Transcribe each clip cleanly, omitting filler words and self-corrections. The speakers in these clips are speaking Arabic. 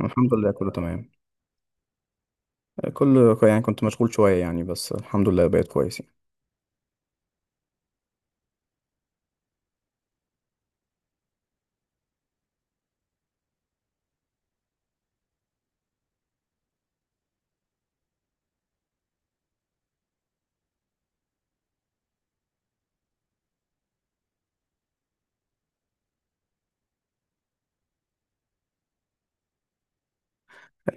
الحمد لله، كله تمام. يعني كنت مشغول شوية، يعني بس الحمد لله بقيت كويس يعني.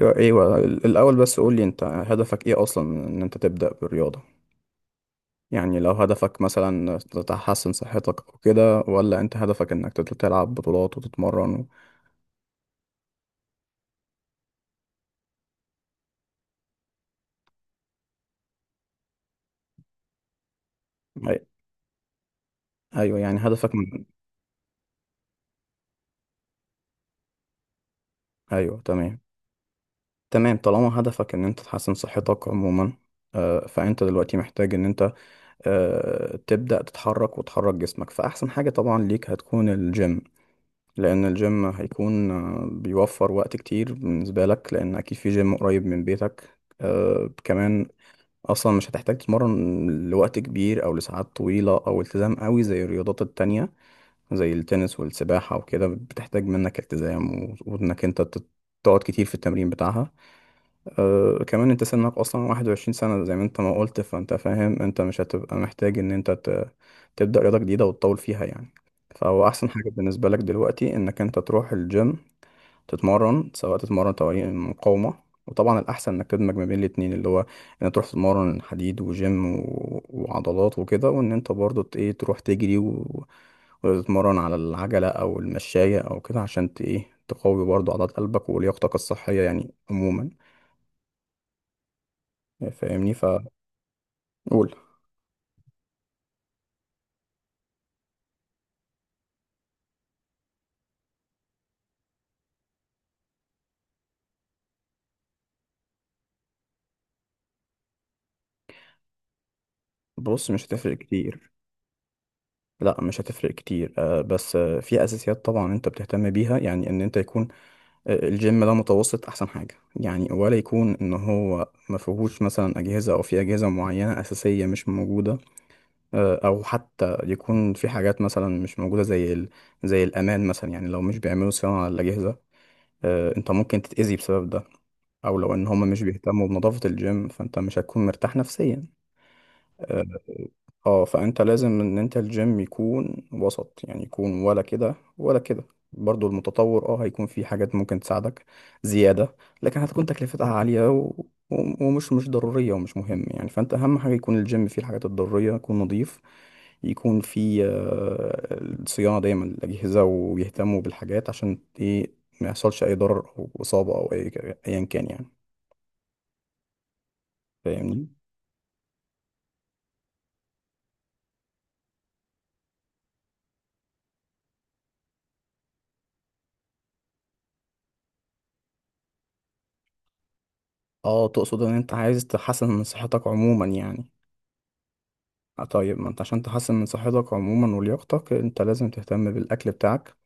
أيوة أيوة، الأول بس قولي، أنت هدفك إيه أصلا من إن أنت تبدأ بالرياضة؟ يعني لو هدفك مثلا تحسن صحتك أو كده، ولا أنت هدفك إنك تلعب بطولات وتتمرن و... أي- أيوة، يعني هدفك من... أيوة تمام. تمام، طالما هدفك إن أنت تحسن صحتك عموما، فأنت دلوقتي محتاج إن أنت تبدأ تتحرك وتحرك جسمك، فأحسن حاجة طبعا ليك هتكون الجيم. لأن الجيم هيكون بيوفر وقت كتير بالنسبة لك، لأن أكيد في جيم قريب من بيتك كمان. أصلا مش هتحتاج تتمرن لوقت كبير أو لساعات طويلة أو التزام قوي زي الرياضات التانية. زي التنس والسباحة وكده، بتحتاج منك التزام وإنك أنت تقعد كتير في التمرين بتاعها. أه كمان، انت سنك اصلا 21 سنة زي ما انت ما قلت، فانت فاهم انت مش هتبقى محتاج ان انت تبدأ رياضة جديدة وتطول فيها يعني. فهو احسن حاجة بالنسبة لك دلوقتي انك انت تروح الجيم، تتمرن سواء تتمرن تمارين مقاومة، وطبعا الاحسن انك تدمج ما بين الاتنين، اللي هو ان تروح تتمرن حديد وجيم و... وعضلات وكده، وان انت برضو ت- ايه تروح تجري و... وتتمرن على العجلة او المشاية او كده، عشان ت... ايه تقوي برضو عضلات قلبك ولياقتك الصحية يعني عموما. فاهمني؟ فقول. بص، مش هتفرق كتير. لا مش هتفرق كتير، بس في اساسيات طبعا انت بتهتم بيها، يعني ان انت يكون الجيم ده متوسط احسن حاجه يعني. ولا يكون ان هو ما فيهوش مثلا اجهزه، او في اجهزه معينه اساسيه مش موجوده، او حتى يكون في حاجات مثلا مش موجوده زي الامان مثلا. يعني لو مش بيعملوا صيانه على الاجهزه، انت ممكن تتاذي بسبب ده. او لو ان هم مش بيهتموا بنظافه الجيم، فانت مش هتكون مرتاح نفسيا، آه، اه. فانت لازم ان انت الجيم يكون وسط، يعني يكون ولا كده ولا كده. برضو المتطور اه هيكون في حاجات ممكن تساعدك زيادة، لكن هتكون تكلفتها عالية و... و- ومش مش ضرورية، ومش مهم يعني. فانت اهم حاجة يكون الجيم فيه الحاجات الضرورية، يكون نظيف، يكون فيه الصيانة دايما الأجهزة، ويهتموا بالحاجات عشان ايه ما يحصلش أي ضرر أو إصابة أو أي، أيا كان يعني. فاهمني؟ اه تقصد ان انت عايز تحسن من صحتك عموما يعني. آه طيب، ما انت عشان تحسن من صحتك عموما ولياقتك، انت لازم تهتم بالاكل بتاعك.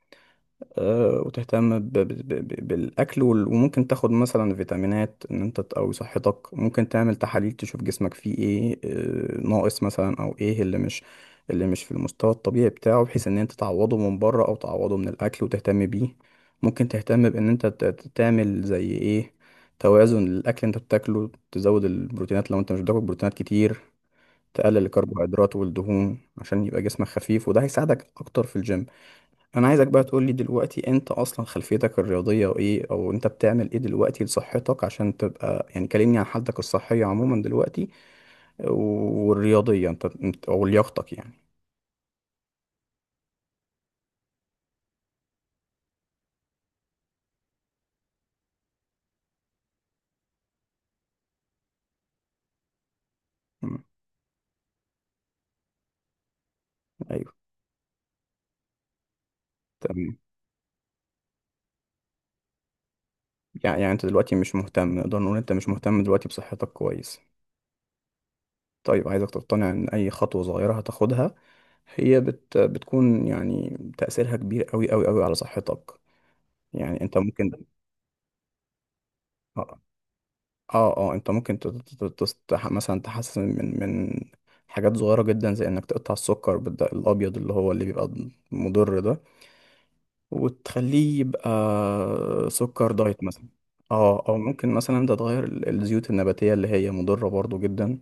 وتهتم بالاكل، وممكن تاخد مثلا فيتامينات، ان انت تقوي صحتك. ممكن تعمل تحاليل تشوف جسمك فيه ايه ناقص مثلا، او ايه اللي مش في المستوى الطبيعي بتاعه، بحيث ان انت تعوضه من بره او تعوضه من الاكل وتهتم بيه. ممكن تهتم بان انت تعمل زي ايه توازن للاكل اللي انت بتاكله، تزود البروتينات لو انت مش بتاكل بروتينات كتير، تقلل الكربوهيدرات والدهون عشان يبقى جسمك خفيف، وده هيساعدك اكتر في الجيم. انا عايزك بقى تقول لي دلوقتي، انت اصلا خلفيتك الرياضيه وايه، او انت بتعمل ايه دلوقتي لصحتك عشان تبقى يعني، كلمني عن حالتك الصحيه عموما دلوقتي والرياضيه انت، او لياقتك يعني. مم. ايوه تمام. يعني انت دلوقتي مش مهتم، نقدر نقول انت مش مهتم دلوقتي بصحتك كويس. طيب، عايزك تقتنع ان اي خطوه صغيره هتاخدها هي بتكون يعني تأثيرها كبير قوي قوي قوي على صحتك. يعني انت ممكن، اه انت ممكن مثلا تحسن من حاجات صغيرة جدا، زي انك تقطع السكر بالدقيق الابيض اللي هو اللي بيبقى مضر ده، وتخليه يبقى سكر دايت مثلا. اه، او ممكن مثلا انت تغير الزيوت النباتية اللي هي مضرة برضو جدا،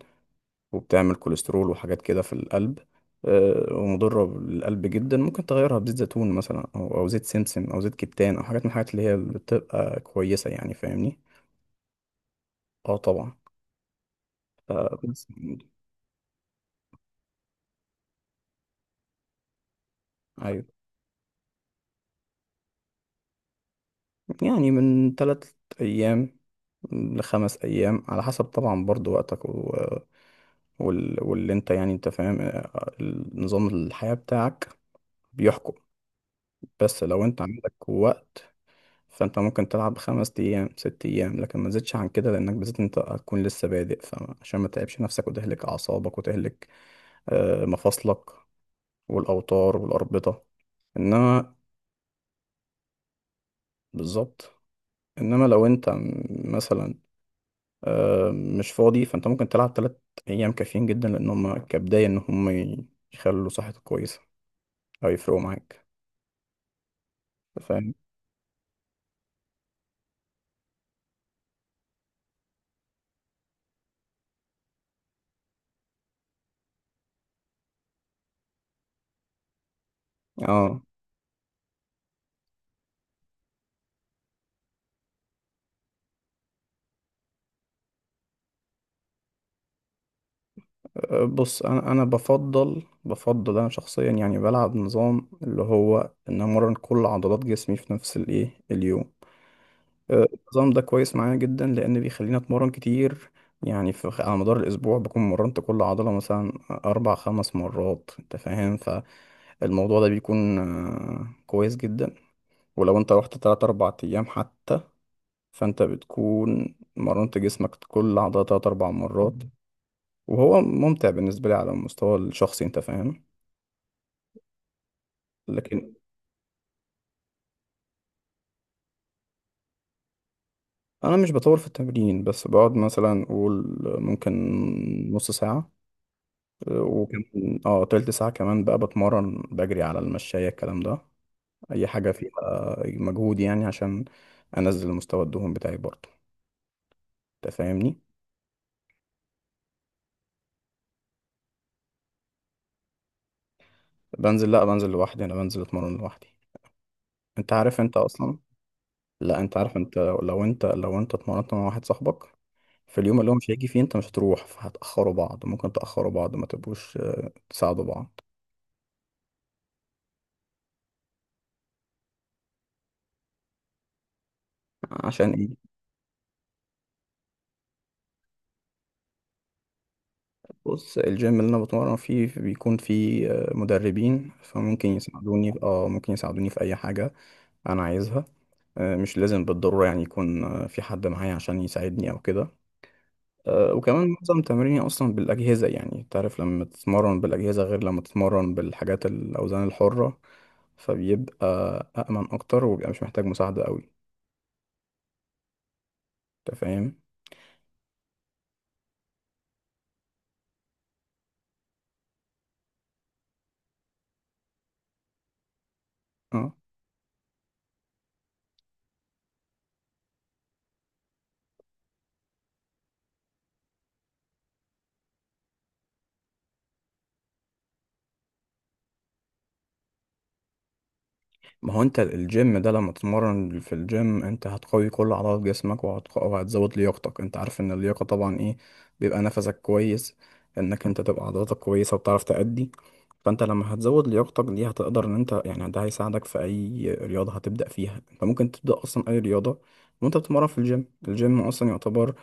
وبتعمل كوليسترول وحاجات كده في القلب، ومضرة للقلب جدا. ممكن تغيرها بزيت زيتون مثلا، أو زيت سمسم، أو زيت كتان، أو حاجات من الحاجات اللي هي بتبقى كويسة يعني. فاهمني؟ اه طبعا. خمس أيام. ايوه يعني من ثلاث ايام لخمس ايام، على حسب طبعا برضو وقتك و... واللي انت يعني انت فاهم، نظام الحياة بتاعك بيحكم. بس لو انت عندك وقت، فانت ممكن تلعب خمس ايام ست ايام، لكن ما تزيدش عن كده، لانك بالذات انت هتكون لسه بادئ، فعشان ما تتعبش نفسك وتهلك اعصابك وتهلك مفاصلك والاوتار والاربطة. انما بالظبط، انما لو انت مثلا مش فاضي، فانت ممكن تلعب تلات ايام، كافيين جدا لان هم كبداية ان هم يخلوا صحتك كويسة او يفرقوا معاك. فاهم؟ اه بص، انا بفضل انا شخصيا يعني، بلعب نظام اللي هو ان امرن كل عضلات جسمي في نفس الايه اليوم. النظام ده كويس معايا جدا، لان بيخليني اتمرن كتير. يعني في على مدار الاسبوع بكون مرنت كل عضله مثلا اربع خمس مرات، انت فاهم. فالموضوع ده بيكون كويس جدا. ولو انت رحت تلات أربع أيام حتى، فانت بتكون مرنت جسمك كل عضلة تلات أربع مرات. وهو ممتع بالنسبة لي على المستوى الشخصي، انت فاهم. لكن أنا مش بطول في التمرين، بس بقعد مثلا أقول ممكن نص ساعة، اه، وكمان اه تلت ساعة كمان بقى، بتمرن بجري على المشاية، الكلام ده أي حاجة فيها مجهود، يعني عشان أنزل مستوى الدهون بتاعي برضه. انت فاهمني؟ بنزل، لأ بنزل لوحدي، أنا بنزل أتمرن لوحدي. انت عارف انت اصلا. لا انت عارف، انت لو انت اتمرنت مع واحد صاحبك، في اليوم اللي هو مش هيجي فيه انت مش هتروح، فهتأخروا بعض، ممكن تأخروا بعض، ما تبقوش تساعدوا بعض. عشان ايه؟ بص الجيم اللي انا بتمرن فيه بيكون فيه مدربين، فممكن يساعدوني في- اه ممكن يساعدوني في اي حاجة انا عايزها. مش لازم بالضرورة يعني يكون في حد معايا عشان يساعدني او كده، وكمان معظم تمريني اصلا بالاجهزة. يعني تعرف لما تتمرن بالاجهزة غير لما تتمرن بالحاجات الاوزان الحرة، فبيبقى أأمن أكتر وبيبقى مش محتاج مساعدة أوي. أنت فاهم؟ اه، ما هو أنت الجيم ده لما تتمرن في الجيم أنت هتقوي كل عضلات جسمك، وهتزود لياقتك. أنت عارف إن اللياقة طبعا إيه؟ بيبقى نفسك كويس، إنك أنت تبقى عضلاتك كويسة وبتعرف تأدي. فأنت لما هتزود لياقتك دي هتقدر إن أنت يعني ده هيساعدك في أي رياضة هتبدأ فيها. أنت ممكن تبدأ أصلا أي رياضة وأنت بتتمرن في الجيم. الجيم أصلا يعتبر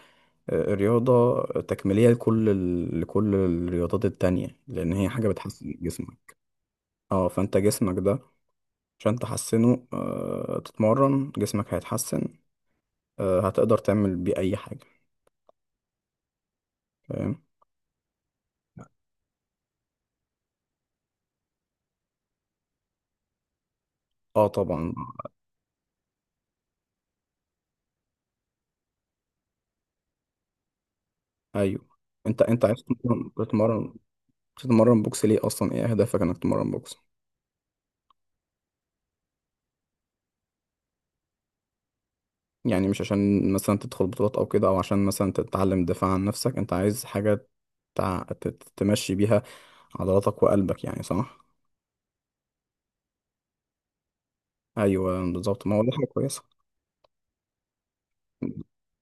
الرياضة تكميلية لكل لكل الرياضات التانية، لأن هي حاجة بتحسن جسمك. اه فانت جسمك ده عشان تحسنه، آه تتمرن جسمك هيتحسن، آه هتقدر تعمل بيه أي حاجة. فاهم؟ اه طبعا. أيوه، انت عايز تتمرن، تتمرن بوكس ليه أصلا؟ ايه أهدافك إنك تتمرن بوكس؟ يعني مش عشان مثلا تدخل بطولات أو كده، أو عشان مثلا تتعلم الدفاع عن نفسك، انت عايز حاجة تع... ت- تمشي بيها عضلاتك وقلبك، يعني صح؟ ايوه بالظبط. ما هو دي حاجه كويسه،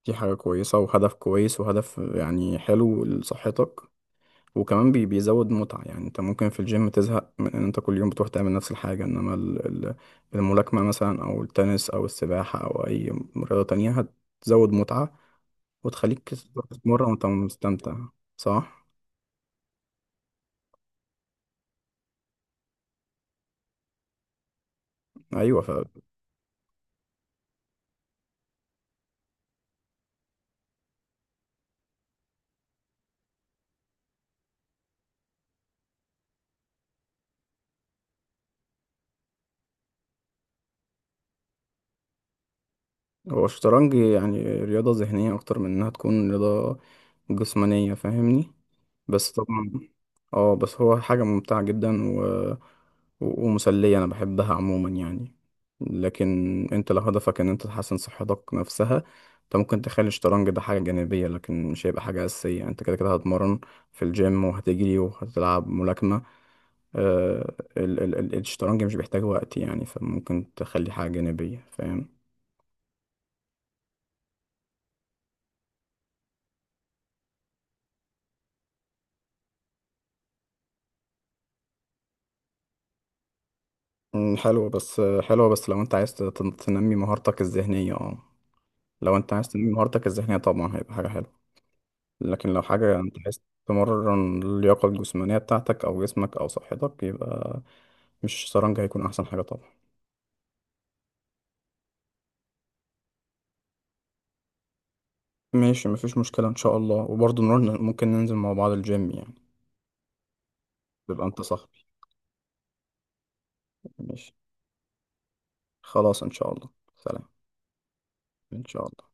دي حاجه كويسه وهدف كويس، وهدف يعني حلو لصحتك. وكمان بيزود متعه. يعني انت ممكن في الجيم تزهق من ان انت كل يوم بتروح تعمل نفس الحاجه، انما الملاكمه مثلا او التنس او السباحه او اي رياضه تانية هتزود متعه، وتخليك تتمرن وانت مستمتع. صح ايوه. هو الشطرنج يعني رياضة ذهنية أكتر من إنها تكون رياضة جسمانية، فاهمني. بس طبعا اه، بس هو حاجة ممتعة جدا و... ومسلية، أنا بحبها عموما يعني. لكن أنت لو هدفك إن أنت تحسن صحتك نفسها، أنت ممكن تخلي الشطرنج ده حاجة جانبية، لكن مش هيبقى حاجة أساسية. أنت كده كده هتمرن في الجيم وهتجري وهتلعب ملاكمة. الشطرنج مش بيحتاج وقت يعني، فممكن تخلي حاجة جانبية. فاهم؟ حلو. بس حلوة بس لو انت عايز تنمي مهارتك الذهنية، اه لو انت عايز تنمي مهارتك الذهنية طبعا هيبقى حاجة حلوة. لكن لو حاجة انت عايز تمرن اللياقة الجسمانية بتاعتك او جسمك او صحتك، يبقى مش شطرنج هيكون احسن حاجة طبعا. ماشي مفيش مشكلة، ان شاء الله. وبرضه ممكن ننزل مع بعض الجيم يعني، تبقى انت صاحبي. ماشي. خلاص ان شاء الله. سلام. ان شاء الله.